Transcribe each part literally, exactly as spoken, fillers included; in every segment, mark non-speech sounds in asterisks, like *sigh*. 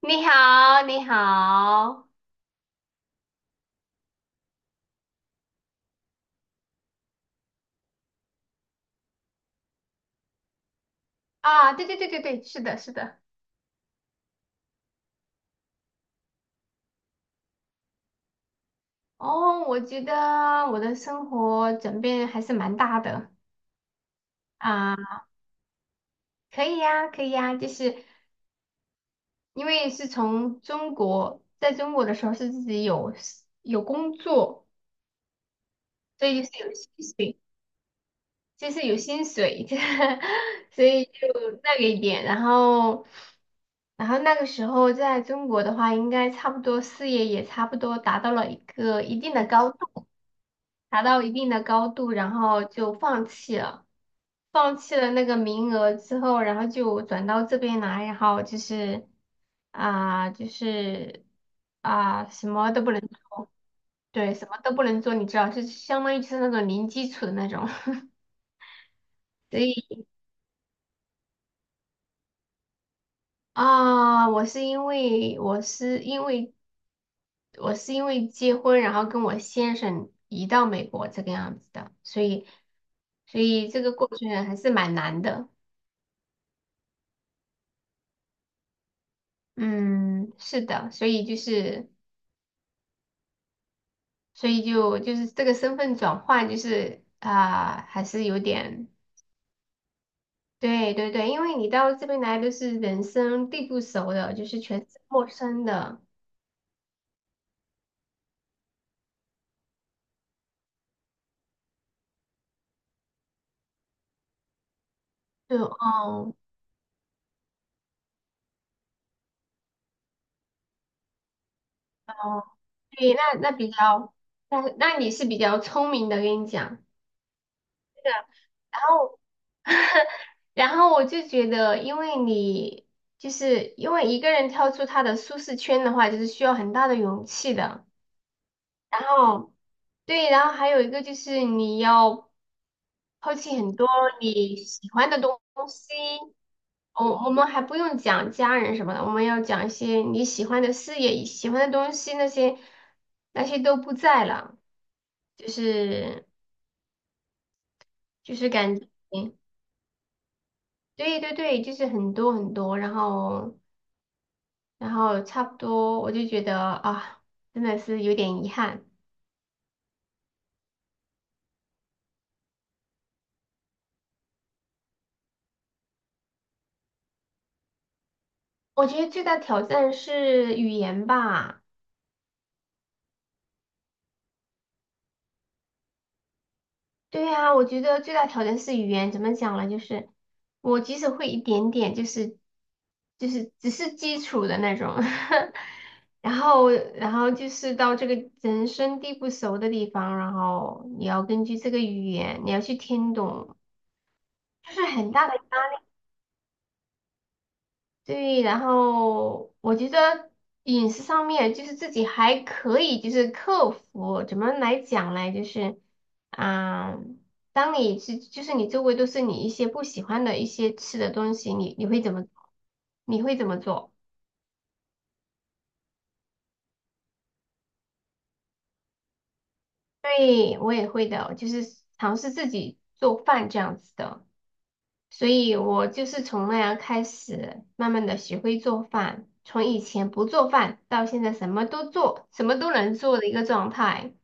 你好，你好。啊，对对对对对，是的，是的。哦，我觉得我的生活转变还是蛮大的。啊，可以呀，可以呀，就是因为是从中国，在中国的时候是自己有 s- 有工作，所以就是有薪水，就是有薪水，*laughs* 所以就那个一点，然后然后那个时候在中国的话，应该差不多事业也差不多达到了一个一定的高度。达到一定的高度，然后就放弃了，放弃了那个名额之后，然后就转到这边来，然后就是啊、就是啊、什么都不能。对，什么都不能做，你知道，就相当于就是那种零基础的那种。*laughs* 所以啊、我是因为我是因为我是因为结婚，然后跟我先生移到美国这个样子的，所以所以这个过程还是蛮难的。嗯，是的，所以就是，所以就就是这个身份转换，就是啊、还是有点。对对对，因为你到这边来都是人生地不熟的，就是全是陌生的。就哦。哦，对，那那比较，那那你是比较聪明的，跟你讲，是的，然后然后我就觉得，因为你就是因为一个人跳出他的舒适圈的话，就是需要很大的勇气的，然后。对，然后还有一个就是你要抛弃很多你喜欢的东西。我我们还不用讲家人什么的，我们要讲一些你喜欢的事业、喜欢的东西，那些那些都不在了，就是就是感觉。对对对，就是很多很多，然后然后差不多，我就觉得啊，真的是有点遗憾。我觉得最大挑战是语言吧。对呀，我觉得最大挑战是语言，怎么讲呢？就是我即使会一点点，就是就是只是基础的那种，*laughs* 然后然后就是到这个人生地不熟的地方，然后你要根据这个语言，你要去听懂，就是很大的。对，然后我觉得饮食上面就是自己还可以，就是克服。怎么来讲呢？就是，啊，当你是就是你周围都是你一些不喜欢的一些吃的东西，你你会怎么你会怎么做？对，我也会的，就是尝试自己做饭这样子的。所以我就是从那样开始，慢慢的学会做饭，从以前不做饭到现在什么都做，什么都能做的一个状态。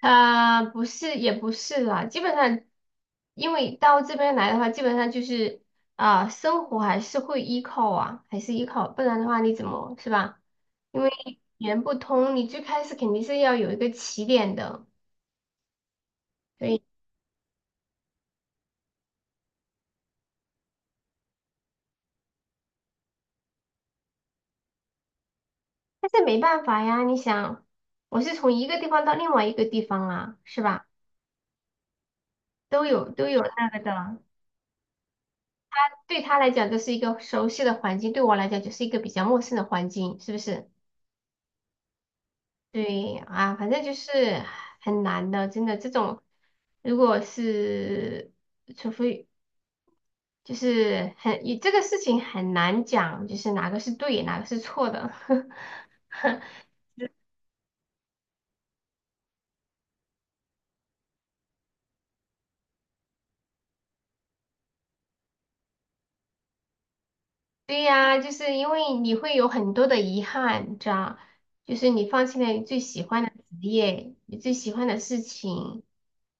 呃，不是，也不是啦，基本上，因为到这边来的话，基本上就是啊、生活还是会依靠啊，还是依靠，不然的话你怎么是吧？因为语言不通，你最开始肯定是要有一个起点的，所以但是没办法呀，你想，我是从一个地方到另外一个地方啊，是吧？都有都有那个的。对他来讲这是一个熟悉的环境，对我来讲就是一个比较陌生的环境，是不是？对啊，反正就是很难的，真的这种，如果是除非就是很，这个事情很难讲，就是哪个是对，哪个是错的。*laughs* 对呀，就是因为你会有很多的遗憾，你知道，就是你放弃了你最喜欢的职业，你最喜欢的事情。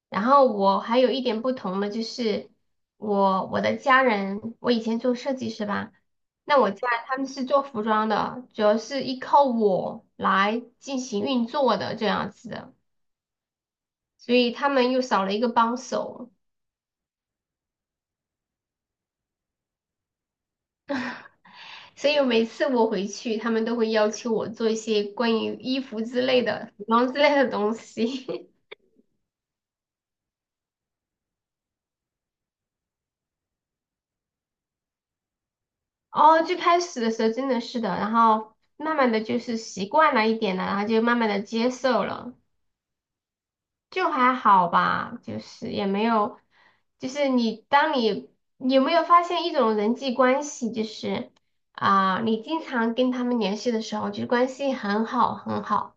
然后我还有一点不同的就是，我我的家人，我以前做设计师吧，那我家他们是做服装的，主要是依靠我来进行运作的这样子的，所以他们又少了一个帮手。所以每次我回去，他们都会要求我做一些关于衣服之类的、服装之类的东西。*laughs* 哦，最开始的时候真的是的，然后慢慢的就是习惯了一点了，然后就慢慢的接受了，就还好吧，就是也没有，就是你当你你有没有发现一种人际关系，就是啊、你经常跟他们联系的时候，就是关系很好很好。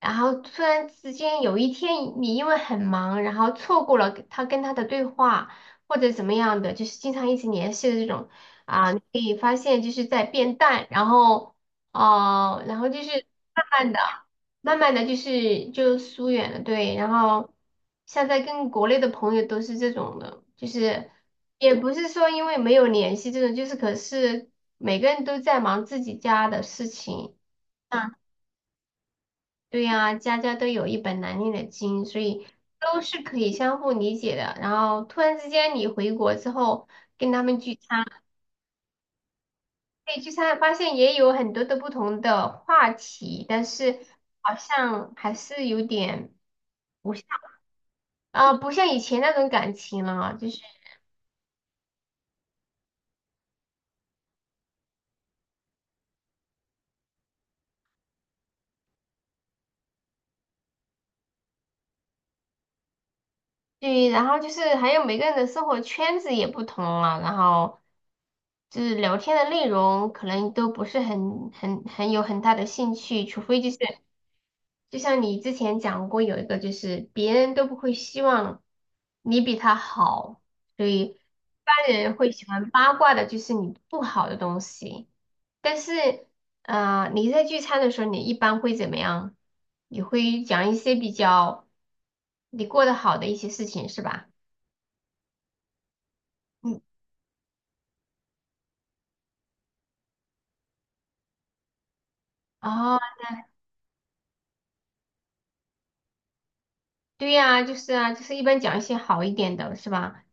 然后突然之间有一天你因为很忙，然后错过了他跟他的对话或者怎么样的，就是经常一直联系的这种啊，你可以发现就是在变淡，然后哦、然后就是慢慢的、慢慢的就是就疏远了，对，然后现在跟国内的朋友都是这种的，就是也不是说因为没有联系这种，就是可是每个人都在忙自己家的事情。啊。对呀，家家都有一本难念的经，所以都是可以相互理解的。然后突然之间你回国之后跟他们聚餐。对，聚餐发现也有很多的不同的话题，但是好像还是有点不像啊、不像以前那种感情了，就是对，然后就是还有每个人的生活圈子也不同了，然后就是聊天的内容可能都不是很很很有很大的兴趣，除非就是。就像你之前讲过，有一个就是别人都不会希望你比他好，所以一般人会喜欢八卦的就是你不好的东西。但是，呃，你在聚餐的时候，你一般会怎么样？你会讲一些比较你过得好的一些事情，是吧？嗯，哦，对呀，就是啊，就是一般讲一些好一点的，是吧？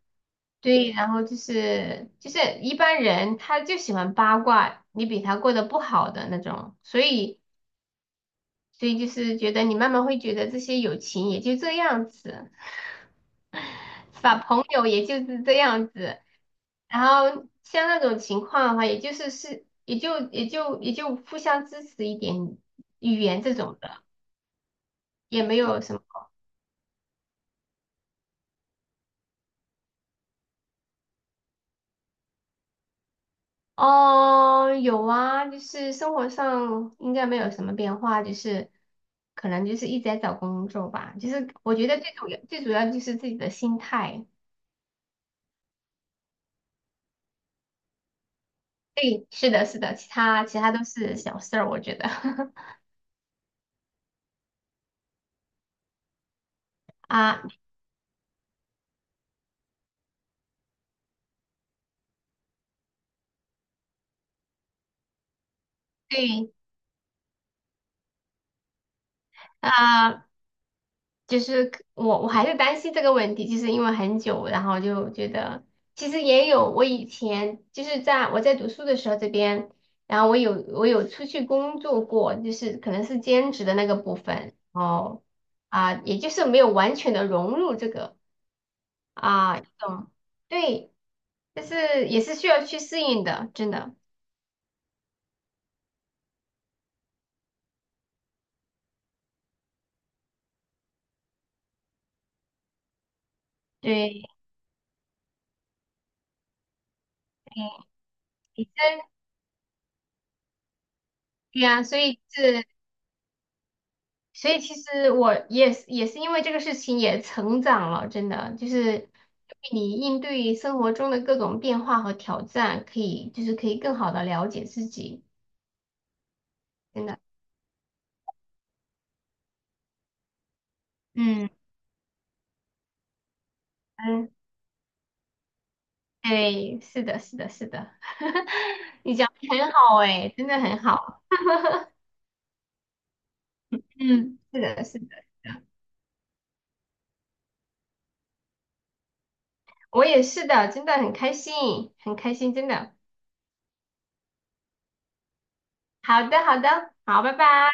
对，然后就是就是一般人他就喜欢八卦你比他过得不好的那种，所以所以就是觉得你慢慢会觉得这些友情也就这样子，把朋友也就是这样子，然后像那种情况的话，也就是是也就也就也就互相支持一点语言这种的，也没有什么。哦，有啊，就是生活上应该没有什么变化，就是可能就是一直在找工作吧。就是我觉得最主要最主要就是自己的心态。对，是的，是的，其他其他都是小事儿，我觉得 *laughs* 啊，对啊，就是我我还是担心这个问题，就是因为很久，然后就觉得其实也有我以前就是在我在读书的时候这边，然后我有我有出去工作过，就是可能是兼职的那个部分，哦啊，也就是没有完全的融入这个啊，一种对，但是也是需要去适应的，真的。对，你真对呀，所以是。所以其实我也是也是因为这个事情也成长了，真的就是你应对生活中的各种变化和挑战，可以就是可以更好的了解自己，真的。嗯。嗯，对，是的，是的，是的，*laughs* 你讲的很好哎，真的很好。嗯，是的，是的，是的，我也是的，真的很开心，很开心，真的。好的，好的，好，拜拜。